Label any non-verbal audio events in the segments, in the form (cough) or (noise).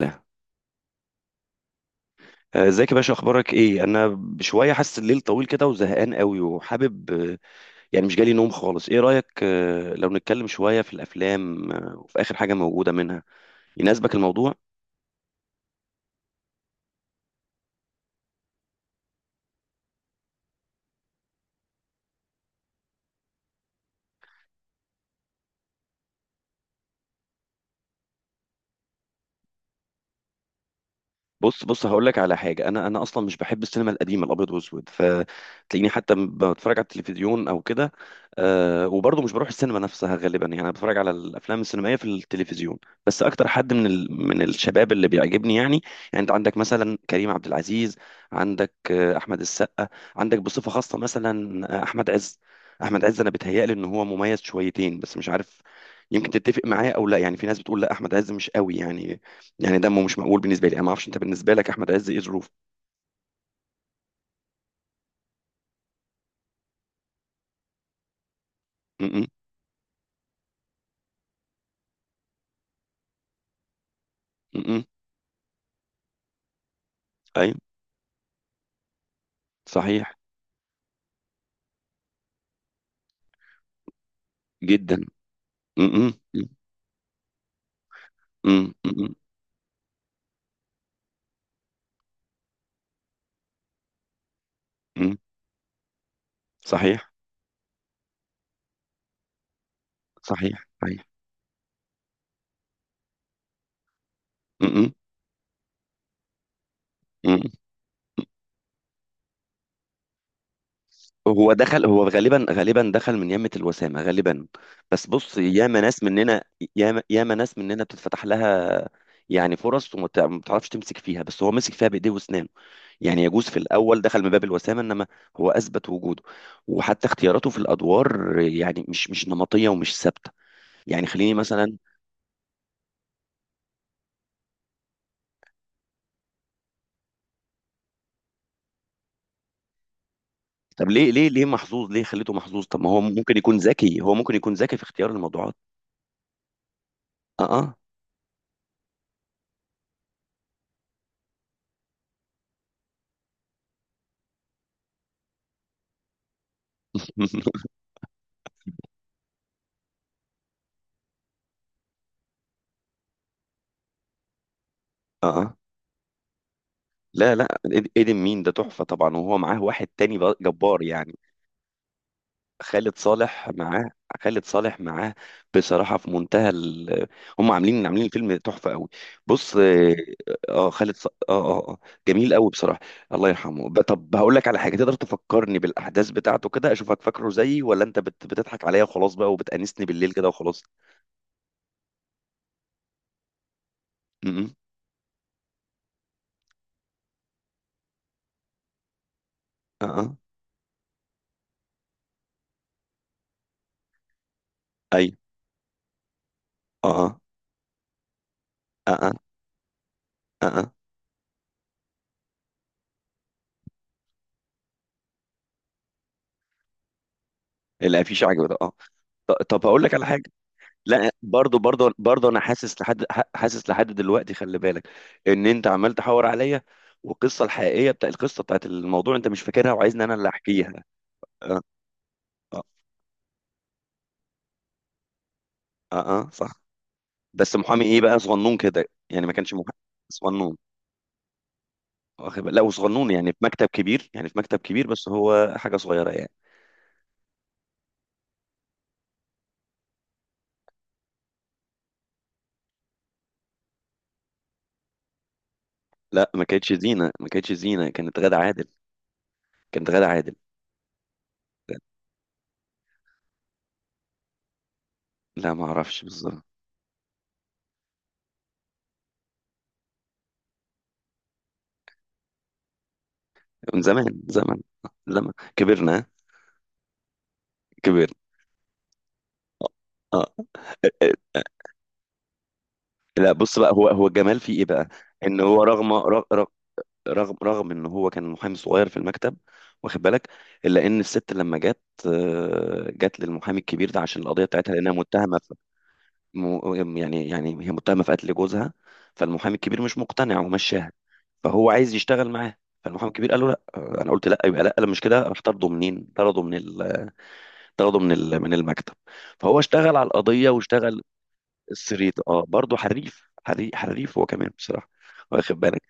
لا. ازيك يا باشا، اخبارك ايه؟ انا شويه حاسس الليل طويل كده وزهقان قوي وحابب، يعني مش جالي نوم خالص. ايه رايك لو نتكلم شويه في الافلام، وفي اخر حاجه موجوده منها يناسبك الموضوع؟ بص، هقول لك على حاجه. انا اصلا مش بحب السينما القديمه الابيض والاسود، فتلاقيني حتى بتفرج على التلفزيون او كده. أه، وبرضه مش بروح السينما نفسها غالبا، يعني انا بتفرج على الافلام السينمائيه في التلفزيون. بس اكتر حد من ال... من الشباب اللي بيعجبني يعني، يعني انت عندك مثلا كريم عبد العزيز، عندك احمد السقا، عندك بصفه خاصه مثلا احمد عز. احمد عز انا بيتهيألي ان هو مميز شويتين، بس مش عارف، يمكن تتفق معايا او لا. يعني في ناس بتقول لا، احمد عز مش قوي يعني، يعني دمه مش مقبول. بالنسبه لي انا ما اعرفش، انت بالنسبه لك احمد عز ايه ظروفه؟ م- م- م- م. ايوه. صحيح. جدا. م- م- م- م- م- م- م. صحيح. صحيح. صحيح. م- م- م. هو دخل، هو غالبا دخل من يمة الوسامة غالبا. بس بص، ياما ناس مننا، ياما ناس مننا بتتفتح لها يعني فرص ما بتعرفش تمسك فيها، بس هو مسك فيها بإيديه وأسنانه. يعني يجوز في الأول دخل من باب الوسامة، إنما هو أثبت وجوده، وحتى اختياراته في الأدوار يعني مش نمطية ومش ثابتة. يعني خليني مثلا. طب ليه، ليه محظوظ؟ ليه خليته محظوظ؟ طب ما هو ممكن يكون ذكي، هو ممكن يكون ذكي في اختيار الموضوعات. اه اه. (laughs) اه. لا لا، ايدن مين ده؟ تحفة طبعا، وهو معاه واحد تاني جبار يعني. خالد صالح معاه. خالد صالح معاه. بصراحة في منتهى ال... هم عاملين الفيلم تحفة قوي. بص اه. خالد ص... اه اه آه، جميل قوي بصراحة. الله يرحمه. طب هقول لك على حاجة. تقدر تفكرني بالأحداث بتاعته كده؟ أشوفك فاكره زيي ولا أنت بتضحك عليا وخلاص بقى، وبتأنسني بالليل كده وخلاص. م- م. اه اه. أيوه. اه اه اه اه. الافيش عجبه ده اه. طب هقول لك على حاجة. لا، برضو انا حاسس لحد، حاسس لحد دلوقتي، خلي بالك ان انت عمال تحور عليا، والقصه الحقيقيه بتاع القصه بتاعت الموضوع انت مش فاكرها، وعايزني انا اللي احكيها. اه اه اه، صح. بس محامي ايه بقى؟ صغنون كده يعني، ما كانش محامي صغنون، واخد بالك؟ لا، وصغنون يعني في مكتب كبير، يعني في مكتب كبير، بس هو حاجه صغيره يعني. لا ما كانتش زينه، كانت غادة عادل. كانت غادة عادل. لا ما اعرفش بالظبط. من زمان، زمان، زمان، كبرنا، ها؟ كبرنا. اه. آه. آه، لا بص بقى، هو الجمال فيه ايه بقى. ان هو رغم ان هو كان محامي صغير في المكتب، واخد بالك، الا ان الست لما جت، جت للمحامي الكبير ده عشان القضيه بتاعتها، لانها متهمه في... يعني هي متهمه في قتل جوزها. فالمحامي الكبير مش مقتنع ومشاها، فهو عايز يشتغل معاه. فالمحامي الكبير قال له لا، انا قلت لا يبقى لا. لما مش كده، راح طرده. منين طرده؟ من ال... طرده من ال... من المكتب. فهو اشتغل على القضيه واشتغل. السريت اه، برضه حريف حريف هو كمان بصراحه، واخد بالك.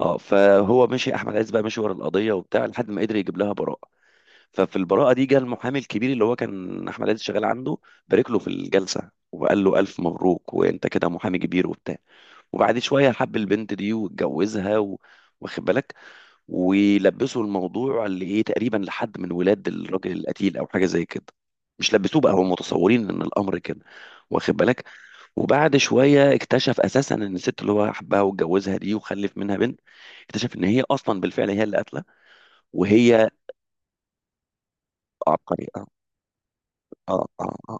اه، فهو مشي. احمد عز بقى مشي ورا القضيه وبتاع لحد ما قدر يجيب لها براءه. ففي البراءه دي، جه المحامي الكبير اللي هو كان احمد عز شغال عنده، بارك له في الجلسه وقال له الف مبروك، وانت كده محامي كبير وبتاع. وبعد شويه حب البنت دي واتجوزها و... واخد بالك. ولبسوا الموضوع اللي ايه تقريبا لحد من ولاد الراجل القتيل، او حاجه زي كده. مش لبسوه بقى، هم متصورين ان الامر كده، واخد بالك. وبعد شويه اكتشف اساسا ان الست اللي هو حبها واتجوزها دي وخلف منها بنت، اكتشف ان هي اصلا بالفعل هي اللي قاتله. وهي عبقريه اه. اه اه اه.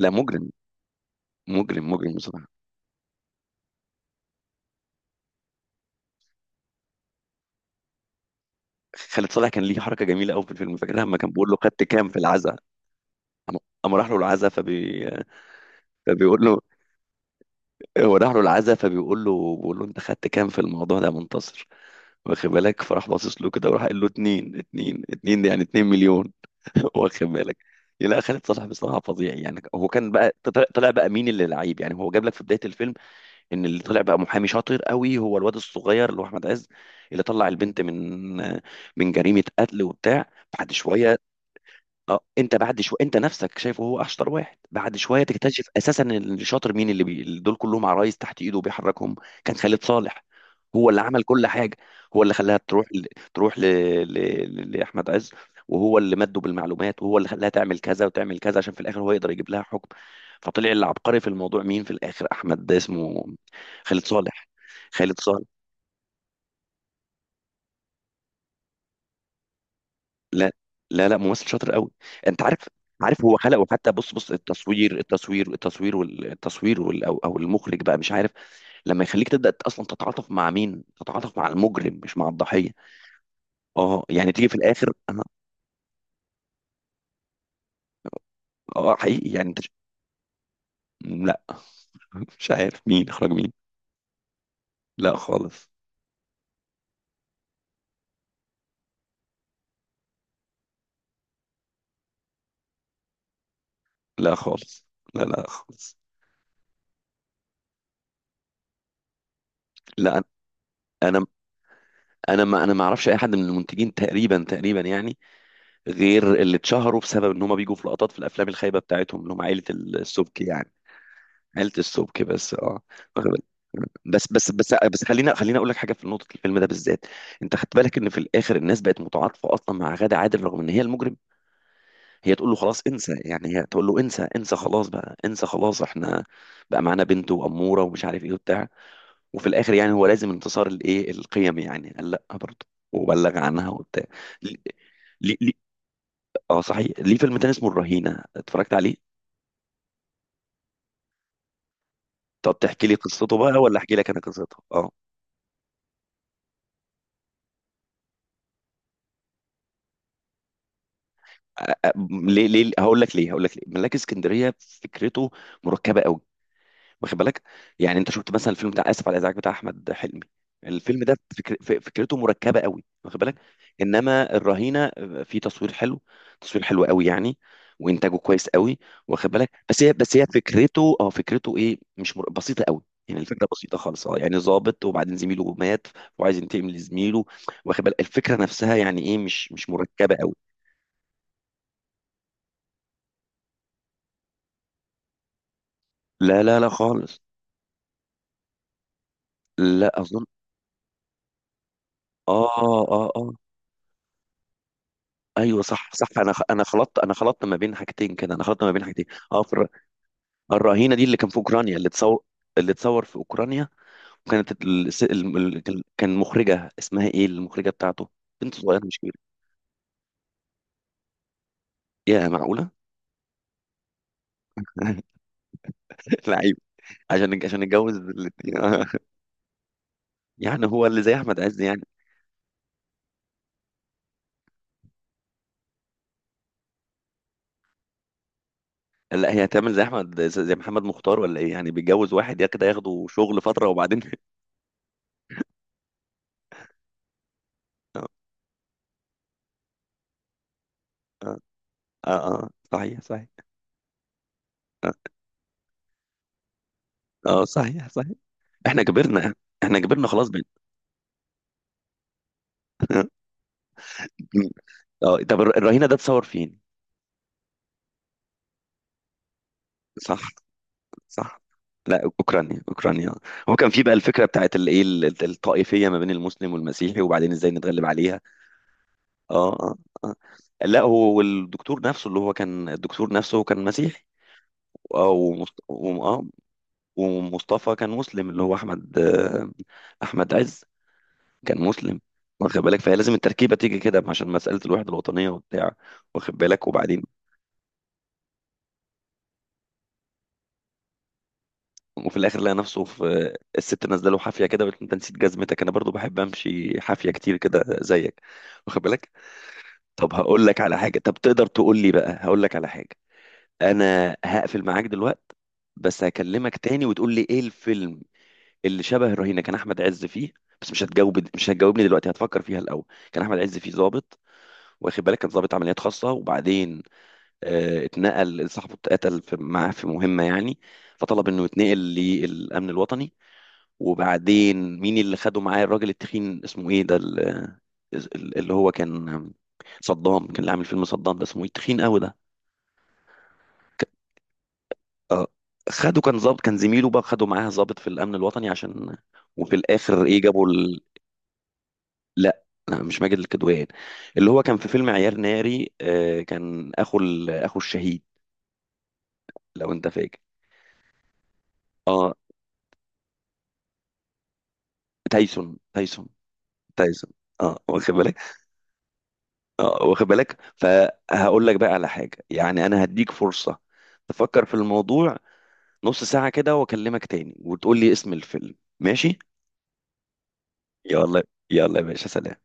لا مجرم، مجرم بصراحه. خالد صالح كان ليه حركه جميله قوي في الفيلم، فاكرها لما كان بيقول له خدت كام في العزاء. أما، أما راح له العزاء فبيقول له، هو راح له العزاء فبيقول له، بيقول له انت خدت كام في الموضوع ده يا منتصر؟ واخد بالك، فراح باصص له كده وراح قال له اتنين اتنين اتنين، يعني 2 مليون. (laughs) واخد بالك. لا خالد صالح بصراحه فظيع يعني. هو كان بقى طلع بقى مين اللي لعيب يعني. هو جاب لك في بدايه الفيلم ان اللي طلع بقى محامي شاطر قوي هو الواد الصغير اللي هو احمد عز، اللي طلع البنت من من جريمه قتل وبتاع. بعد شويه، اه، انت بعد شويه انت نفسك شايفه هو اشطر واحد. بعد شويه تكتشف اساسا ان اللي شاطر مين. اللي دول كلهم عرايس تحت ايده وبيحركهم. كان خالد صالح هو اللي عمل كل حاجه. هو اللي خلاها تروح ل... تروح ل... لاحمد عز. وهو اللي مده بالمعلومات، وهو اللي خلاها تعمل كذا وتعمل كذا، عشان في الاخر هو يقدر يجيب لها حكم. فطلع العبقري في الموضوع مين في الاخر؟ احمد ده اسمه... خالد صالح. خالد صالح. لا لا، لا ممثل شاطر قوي. انت عارف، عارف هو خلقه حتى. بص بص، التصوير، التصوير وال... او أو المخرج بقى مش عارف. لما يخليك تبدا اصلا تتعاطف مع مين، تتعاطف مع المجرم مش مع الضحيه. اه، يعني تيجي في الاخر انا... اه حقيقي. يعني انت لا. (laughs) مش عارف مين اخرج مين. لا خالص. لا خالص. لا لا خالص. لا انا، ما اعرفش اي حد من المنتجين تقريبا، تقريبا يعني، غير اللي اتشهروا بسبب ان هم بيجوا في لقطات في الافلام الخايبه بتاعتهم، اللي هم عائله السبك يعني. عائله السبك بس اه. واخد بالك؟ بس خلينا، خلينا اقول لك حاجه في نقطه الفيلم ده بالذات. انت خدت بالك ان في الاخر الناس بقت متعاطفه اصلا مع غادة عادل رغم ان هي المجرم؟ هي تقول له خلاص انسى، يعني هي تقول له انسى انسى خلاص بقى، انسى خلاص احنا بقى معانا بنت واموره ومش عارف ايه وبتاع. وفي الاخر يعني هو لازم انتصار الايه، القيم يعني، قال لا برضه وبلغ عنها وبتاع. ليه، اه صحيح، ليه فيلم تاني اسمه الرهينة اتفرجت عليه؟ طب تحكي لي قصته بقى ولا احكي لك انا قصته؟ اه. ليه؟ هقول لك ليه ملاك اسكندرية. فكرته مركبة قوي، واخد بالك. يعني انت شفت مثلا الفيلم بتاع اسف على الازعاج بتاع احمد حلمي؟ الفيلم ده فكرته مركبه قوي، واخد بالك. انما الرهينه، في تصوير حلو، تصوير حلو قوي يعني، وانتاجه كويس قوي، واخد بالك. بس هي، فكرته اه فكرته ايه مش بسيطه قوي يعني. الفكره بسيطه خالص اه. يعني ظابط، وبعدين زميله مات وعايز ينتقم لزميله، واخد بالك. الفكره نفسها يعني ايه مش مركبه قوي. لا لا لا خالص. لا اظن. اه اه اه. ايوه صح صح، انا خلطت، ما بين حاجتين كده. انا خلطت ما بين حاجتين. اه في الرهينه دي اللي كان في اوكرانيا، اللي تصور، اللي اتصور في اوكرانيا. وكانت ال... كان مخرجه اسمها ايه، المخرجه بتاعته، بنت صغيره مش كبيره. يا معقوله! (laughs) لعيب. عشان نتجوز الاتنين. (laughs) يعني هو اللي زي احمد عز يعني. لا، هي هتعمل زي احمد، زي محمد مختار ولا ايه، يعني بيتجوز واحد يا كده ياخده شغل فتره وبعدين... (laughs) اه اه اه. صحيح صحيح. اه، صحيح صحيح. احنا كبرنا. احنا كبرنا خلاص بقى. مم. اه، طب الرهينه ده اتصور فين؟ صح. صح. لا اوكرانيا، اوكرانيا. هو كان في بقى الفكره بتاعت الايه، الطائفيه ما بين المسلم والمسيحي، وبعدين ازاي نتغلب عليها. اه اه اه. لا، هو والدكتور نفسه اللي هو كان، الدكتور نفسه كان مسيحي. اه ومصطفى كان مسلم، اللي هو احمد، احمد عز، كان مسلم، واخد بالك. فهي لازم التركيبه تيجي كده عشان مساله الوحده الوطنيه وبتاع، واخد بالك. وبعدين، وفي الاخر لقى نفسه في الست نازله له حافيه كده وقالت له، انت نسيت جزمتك، انا برضو بحب امشي حافيه كتير كده زيك، واخد بالك. طب هقول لك على حاجه. طب تقدر تقول لي بقى، هقول لك على حاجه، انا هقفل معاك دلوقتي بس هكلمك تاني وتقول لي ايه الفيلم اللي شبه الرهينه كان احمد عز فيه. بس مش هتجاوب، مش هتجاوبني دلوقتي، هتفكر فيها الاول. كان احمد عز فيه ضابط، واخد بالك، كان ضابط عمليات خاصه. وبعدين آه اتنقل، صاحبه اتقتل في، معاه في مهمه يعني، فطلب انه يتنقل للامن الوطني. وبعدين مين اللي خده معاه؟ الراجل التخين اسمه ايه ده، اللي هو كان، صدام، كان اللي عامل فيلم صدام ده، اسمه ايه التخين قوي ده؟ آه، خده كان ظابط، كان زميله بقى خده معاه ظابط في الامن الوطني عشان. وفي الاخر ايه، جابوا ال... لا لا مش ماجد الكدواني، اللي هو كان في فيلم عيار ناري، كان اخو ال... اخو الشهيد، لو انت فاكر. اه، تايسون تايسون. اه واخد بالك. اه واخد بالك. فهقول لك بقى على حاجة، يعني انا هديك فرصة تفكر في الموضوع نص ساعة كده، واكلمك تاني وتقول لي اسم الفيلم، ماشي؟ يلا، يلا يا باشا، سلام.